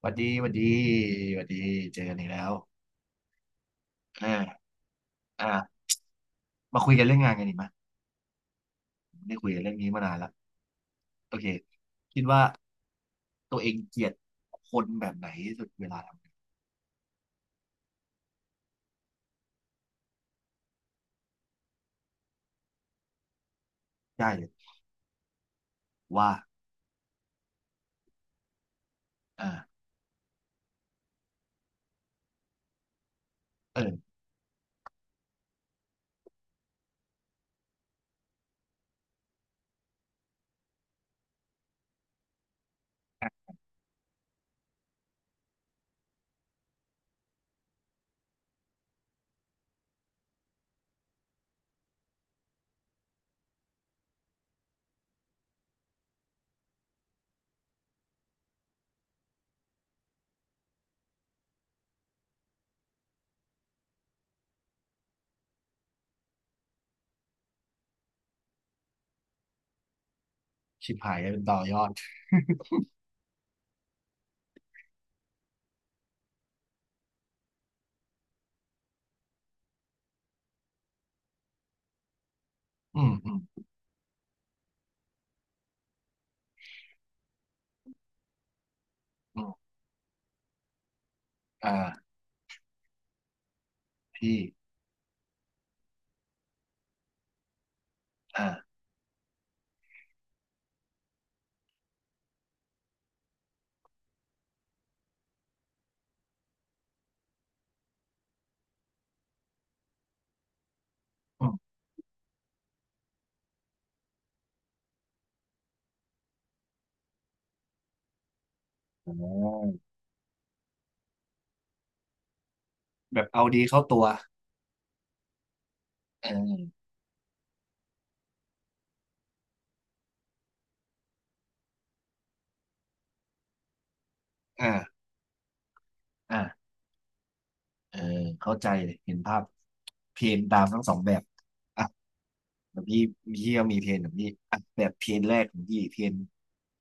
หวัดดีหวัดดีหวัดดีเจอกันอีกแล้วอ่าอ่ามาคุยกันเรื่องงานกันดีไหมไม่ได้คุยกันเรื่องนี้มานานละโอเคคิดว่าตัวเองเกลียดคนแบบไหนที่สุดเวลาทำงานได้เลยว่าอ่าเอออ่ะชิบหายเป็นต่อยอดอืมอืมอืมอ่าพี่อ่าอืมอ่าแบบเอาดีเข้าตัวเอออ่าอ่าเออเข้าใจเลยเห็นภาพเพนตามทั้งสองแบบ แล้วพี่ก็มีเทรนของพี่อ่ะแบบเทรนแรกของพี่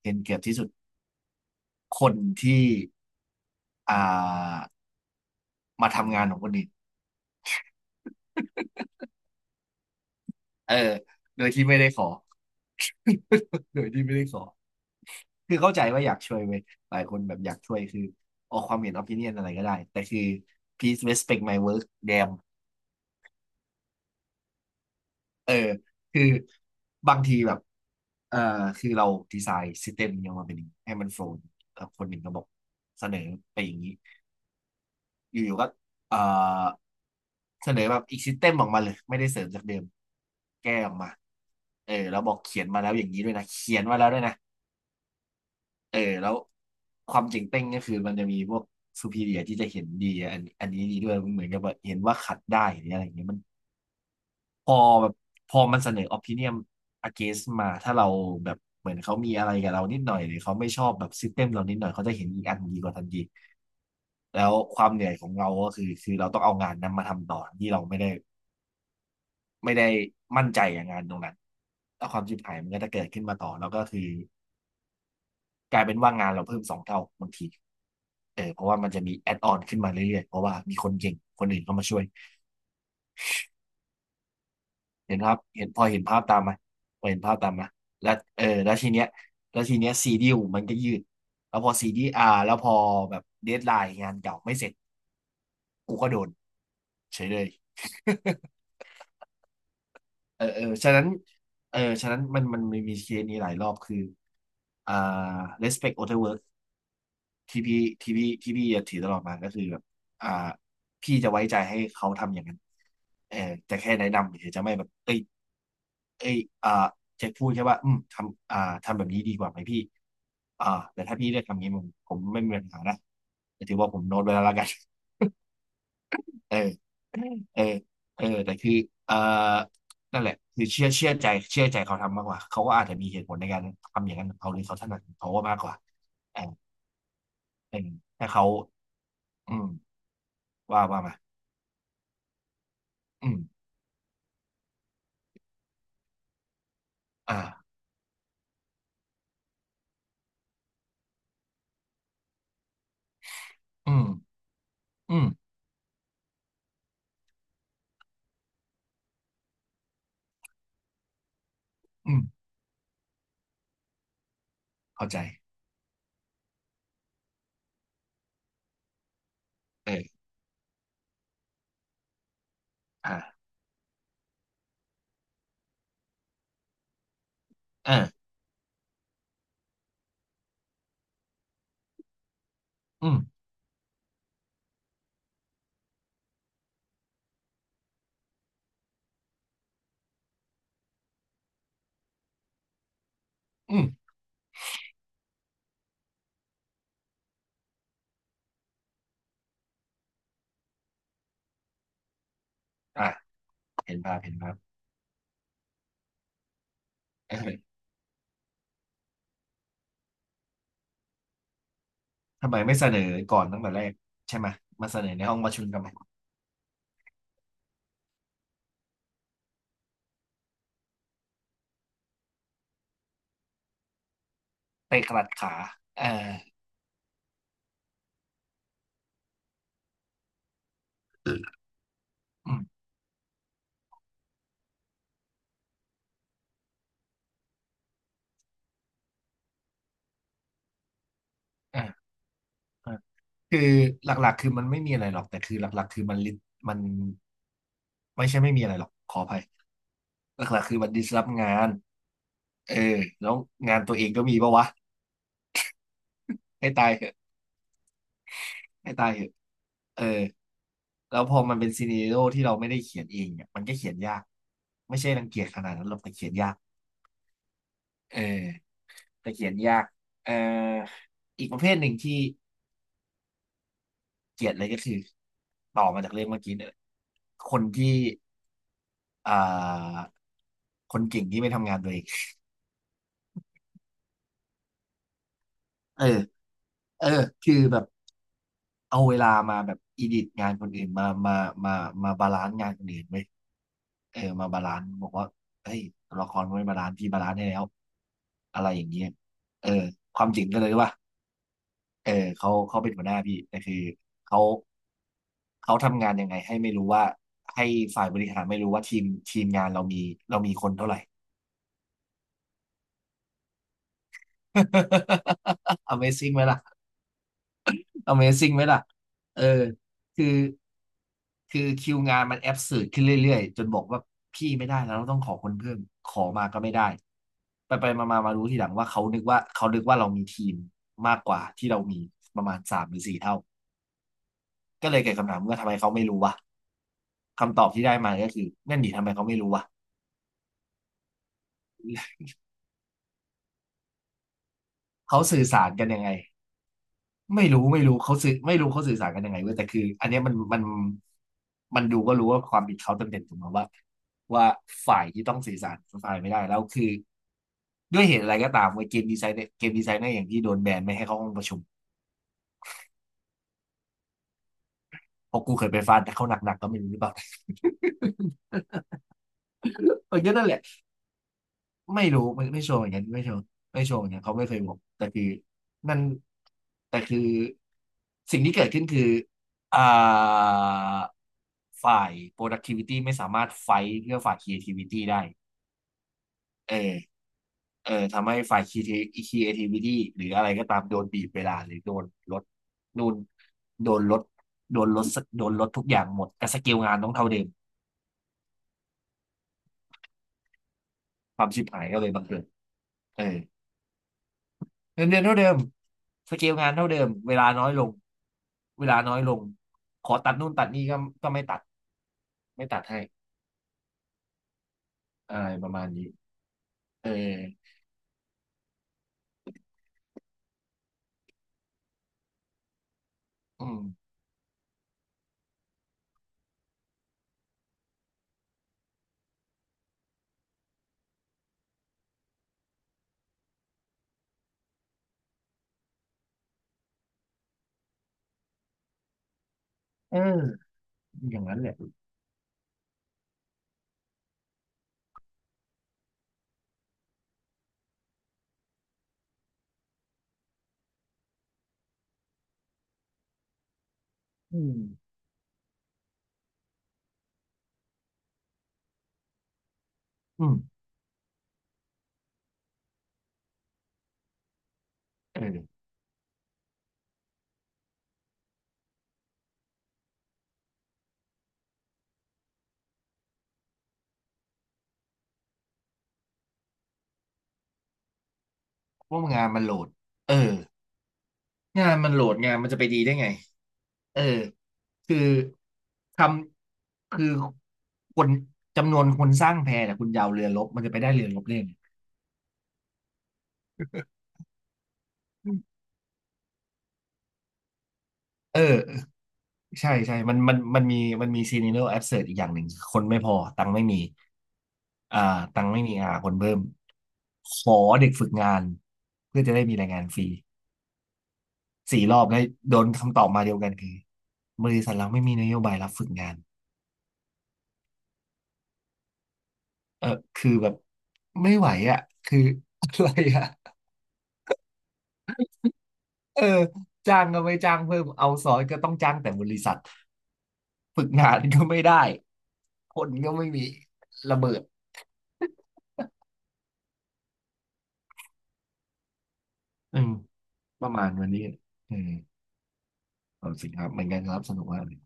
เทรนเกือบที่สุดคนที่อ่ามาทำงานของคนอื่นเออโดยที่ไม่ได้ขอ โดยที่ไม่ได้ขอ คือเข้าใจว่าอยากช่วยเว้ยหลายคนแบบอยากช่วยคือออกความเห็นอ p ิเนียนอะไรก็ได้ แต่คือ please respect my work damn เออคือบางทีแบบเออคือเราดีไซน์ s ิ s เ e m มยังมาเป็นอย่างนี้ให้มันโฟล์แล้วคนหนึ่งก็บอกเสนอไปอย่างนี้ อยู่ๆก็เอ่อเสนอแบบอีกซิสเต็มออกมาเลยไม่ได้เสริมจากเดิมแก้ออกมาเออแล้วบอกเขียนมาแล้วอย่างนี้ด้วยนะเขียนมาแล้วด้วยนะเออแล้วความเจ๋งเต้งก็คือมันจะมีพวก superior ที่จะเห็นดีอันนี้ดีด้วยเหมือนกับแบบเห็นว่าขัดได้หรืออะไรอย่างเงี้ยมัน พอแบบพอมันเสนอ opinion against มาถ้าเราแบบเหมือนเขามีอะไรกับเรานิดหน่อยหรือเขาไม่ชอบแบบ system เรานิดหน่อยเขาจะเห็นอีกอันดีกว่าทันทีแล้วความเหนื่อยของเราก็คือคือเราต้องเอางานนั้นมาทำต่อที่เราไม่ได้ไม่ได้มั่นใจอย่างงานตรงนั้นแล้วความชิบหายมันก็จะเกิดขึ้นมาต่อแล้วก็คือกลายเป็นว่างานเราเพิ่มสองเท่าบางทีเออเพราะว่ามันจะมี add on ขึ้นมาเรื่อยๆเพราะว่ามีคนเก่งคนอื่นเข้ามาช่วย เห็นภาพเห็นเห็นภาพตามไหมพอเห็นภาพตามไหมแล้วเออแล้วทีเนี้ยแล้วทีเนี้ยซีดิวมันก็ยืดแล้วพอซีดีอาแล้วพอแบบเดดไลน์งานเก่าไม่เสร็จกูก็โดนเฉยเลย เออฉะนั้นเออฉะนั้นมันมีเคสนี้หลายรอบคืออ่า respect other work ที่พี่ที่พี่จะถือตลอดมาก็คือแบบอ่าพี่จะไว้ใจให้เขาทำอย่างนั้นเออจะแค่แนะนำเฉยจะไม่แบบเอ้ยเอ้ยอ่าจะพูดแค่ว่าอืมทำทำแบบนี้ดีกว่าไหมพี่อ่าแต่ถ้าพี่เลือกทำนี้ผมไม่มีปัญหานะแต่ถือว่าผมโน้ตไว้แล้วละกัน เออ เออเออแต่คือเออนั่นแหละคือเชื่อใจเชื่อใจเขาทำมากกว่าเขาก็อาจจะมีเหตุผลในการทำอย่างนั้นของเขาหรือเขาถนัดของเขาก็มากกว่าเออเออถ้าเขาอืมว่าว่ามาอืมอ่าอืมอืมอืมเข้าใจเอออ่าเอออืมอืมอ่าเห็นภาพเห็นภาพเออทำไมไม่เสนอก่อนตั้งแต่แรกใช่ไหมมาเสนอในห้องประชุมกันไหมเตะกลัดขาเอออืมเออเออ คือหลักๆคือมันไม่มีอะไรหรอกแต่คือหลักๆคือมันลิมันไม่ใช่ไม่มีอะไรหรอกขออภัยหลักๆคือมันดิสรับงานเออแล้วงานตัวเองก็มีปะวะให้ตายเถอะให้ตายเถอะเออแล้วพอมันเป็นซีเนโร o ที่เราไม่ได้เขียนเองเนี่ยมันก็เขียนยากไม่ใช่รังเกียจขนาดนั้นหรอกแต่เขียนยากเออแต่เขียนยากเอ่ออีกประเภทหนึ่งที่เกลียดเลยก็คือต่อมาจากเรื่องเมื่อกี้เนี่ยคนที่อ่าคนเก่งที่ไม่ทำงานตัวเองเออ เออคือแบบเอาเวลามาแบบอีดิทงานคนอื่นมามาบาลานซ์งานคนอื่นไว้ยเออมาบาลานซ์บอกว่าเฮ้ยตัวละครมันไม่บาลานซ์พี่บาลานซ์ให้แล้วอะไรอย่างเงี้ยเออความจริงก็เลยว่าเออเขาเป็นหัวหน้าพี่แต่คือเขาทำงานยังไงให้ไม่รู้ว่าให้ฝ่ายบริหารไม่รู้ว่าทีมงานเรามีคนเท่าไหร่ Amazing ไหมล่ะ Amazing ไหมล่ะเออคือคือคิวงานมันแอบสืดขึ้นเรื่อยๆ จนบอกว่าพี่ไม่ได้แล้วเราต้องขอคนเพิ่ม ขอมาก็ไม่ได้ ไปไปมามามารู้ทีหลังว่าเขานึกว่าเรามีทีมมากกว่าที่เรามีประมาณสามหรือสี่เท่า ก็เลยเกิดคำถามว่าทำไมเขาไม่รู้วะคำตอบที่ได้มาก็คือนั่นดิทำไมเขาไม่รู้วะเขาสื่อสารกันยังไง ไม่รู้เขาสื่อสารกันยังไงเว้ยแต่คืออันเนี้ยมันมันดูก็รู้ว่าความผิดเขาเต็มๆถูกไหมว่าว่าฝ่ายที่ต้องสื่อสารฝ่ายไม่ได้แล้วคือด้วยเหตุอะไรก็ตามเว้ยเกมดีไซน์เนี่ยอย่างที่โดนแบนไม่ให้เข้าห้องประชุมเพราะกูเคยไปฟาดเขาหนักๆก็ไม่รู้หรือเปล่า เออก็นั่นแหละ ไม่รู้ไม่ไม่โชว์เหมือนกันไม่โชว์เหมือนกันเขาไม่เคยบอกแต่คือนั่นแต่คือสิ่งที่เกิดขึ้นคืออ่าฝ่าย productivity ไม่สามารถไฟท์เพื่อฝ่าย creativity ได้เออเออทำให้ฝ่าย creativity หรืออะไรก็ตามโดนบีบเวลาหรือโดนลดนู่นโดนลดโดนลดโดนลดทุกอย่างหมดแต่สกิลงานต้องเท่าเดิมความชิบหายก็เลยบังเกิดเออ เงินเดือนเท่าเดิมสเกลงานเท่าเดิม เวลาน้อยลงเวลาน้อยลงขอตัดนู่นตัดนี่ก็ไม่ตัดไม่ตัดให้อะไรประมาณนี้เอออืมเอออย่างนั้นแหละอืมอืมเออเพวกงานมันโหลดเอองานมันโหลดงานมันจะไปดีได้ไงเออคือทำคือคนจำนวนคนสร้างแพแต่คุณยาวเรือรบมันจะไปได้เรือรบเล่นเออ ใช่ใช่ มันมีมันมีซีนิโนแอดเสิร์อีกอย่างหนึ่ง คนไม่พอตังค์ไม่มีอ่าตังค์ไม่มีคนเพิ่มขอเด็กฝึกงานเพื่อจะได้มีแรงงานฟรีสี่รอบแล้วโดนคำตอบมาเดียวกันคือบริษัทเราไม่มีนโยบายรับฝึกงานเออคือแบบไม่ไหวอ่ะคือ อะไรอ่ะเออจ้างก็ไม่จ้างเพิ่มเอาซอยก็ต้องจ้างแต่บริษัทฝึกงานก็ไม่ได้คนก็ไม่มีระเบิดอืมประมาณวันนี้อืม เอาจิงครับเหมือนกันครับสนุกมากเลย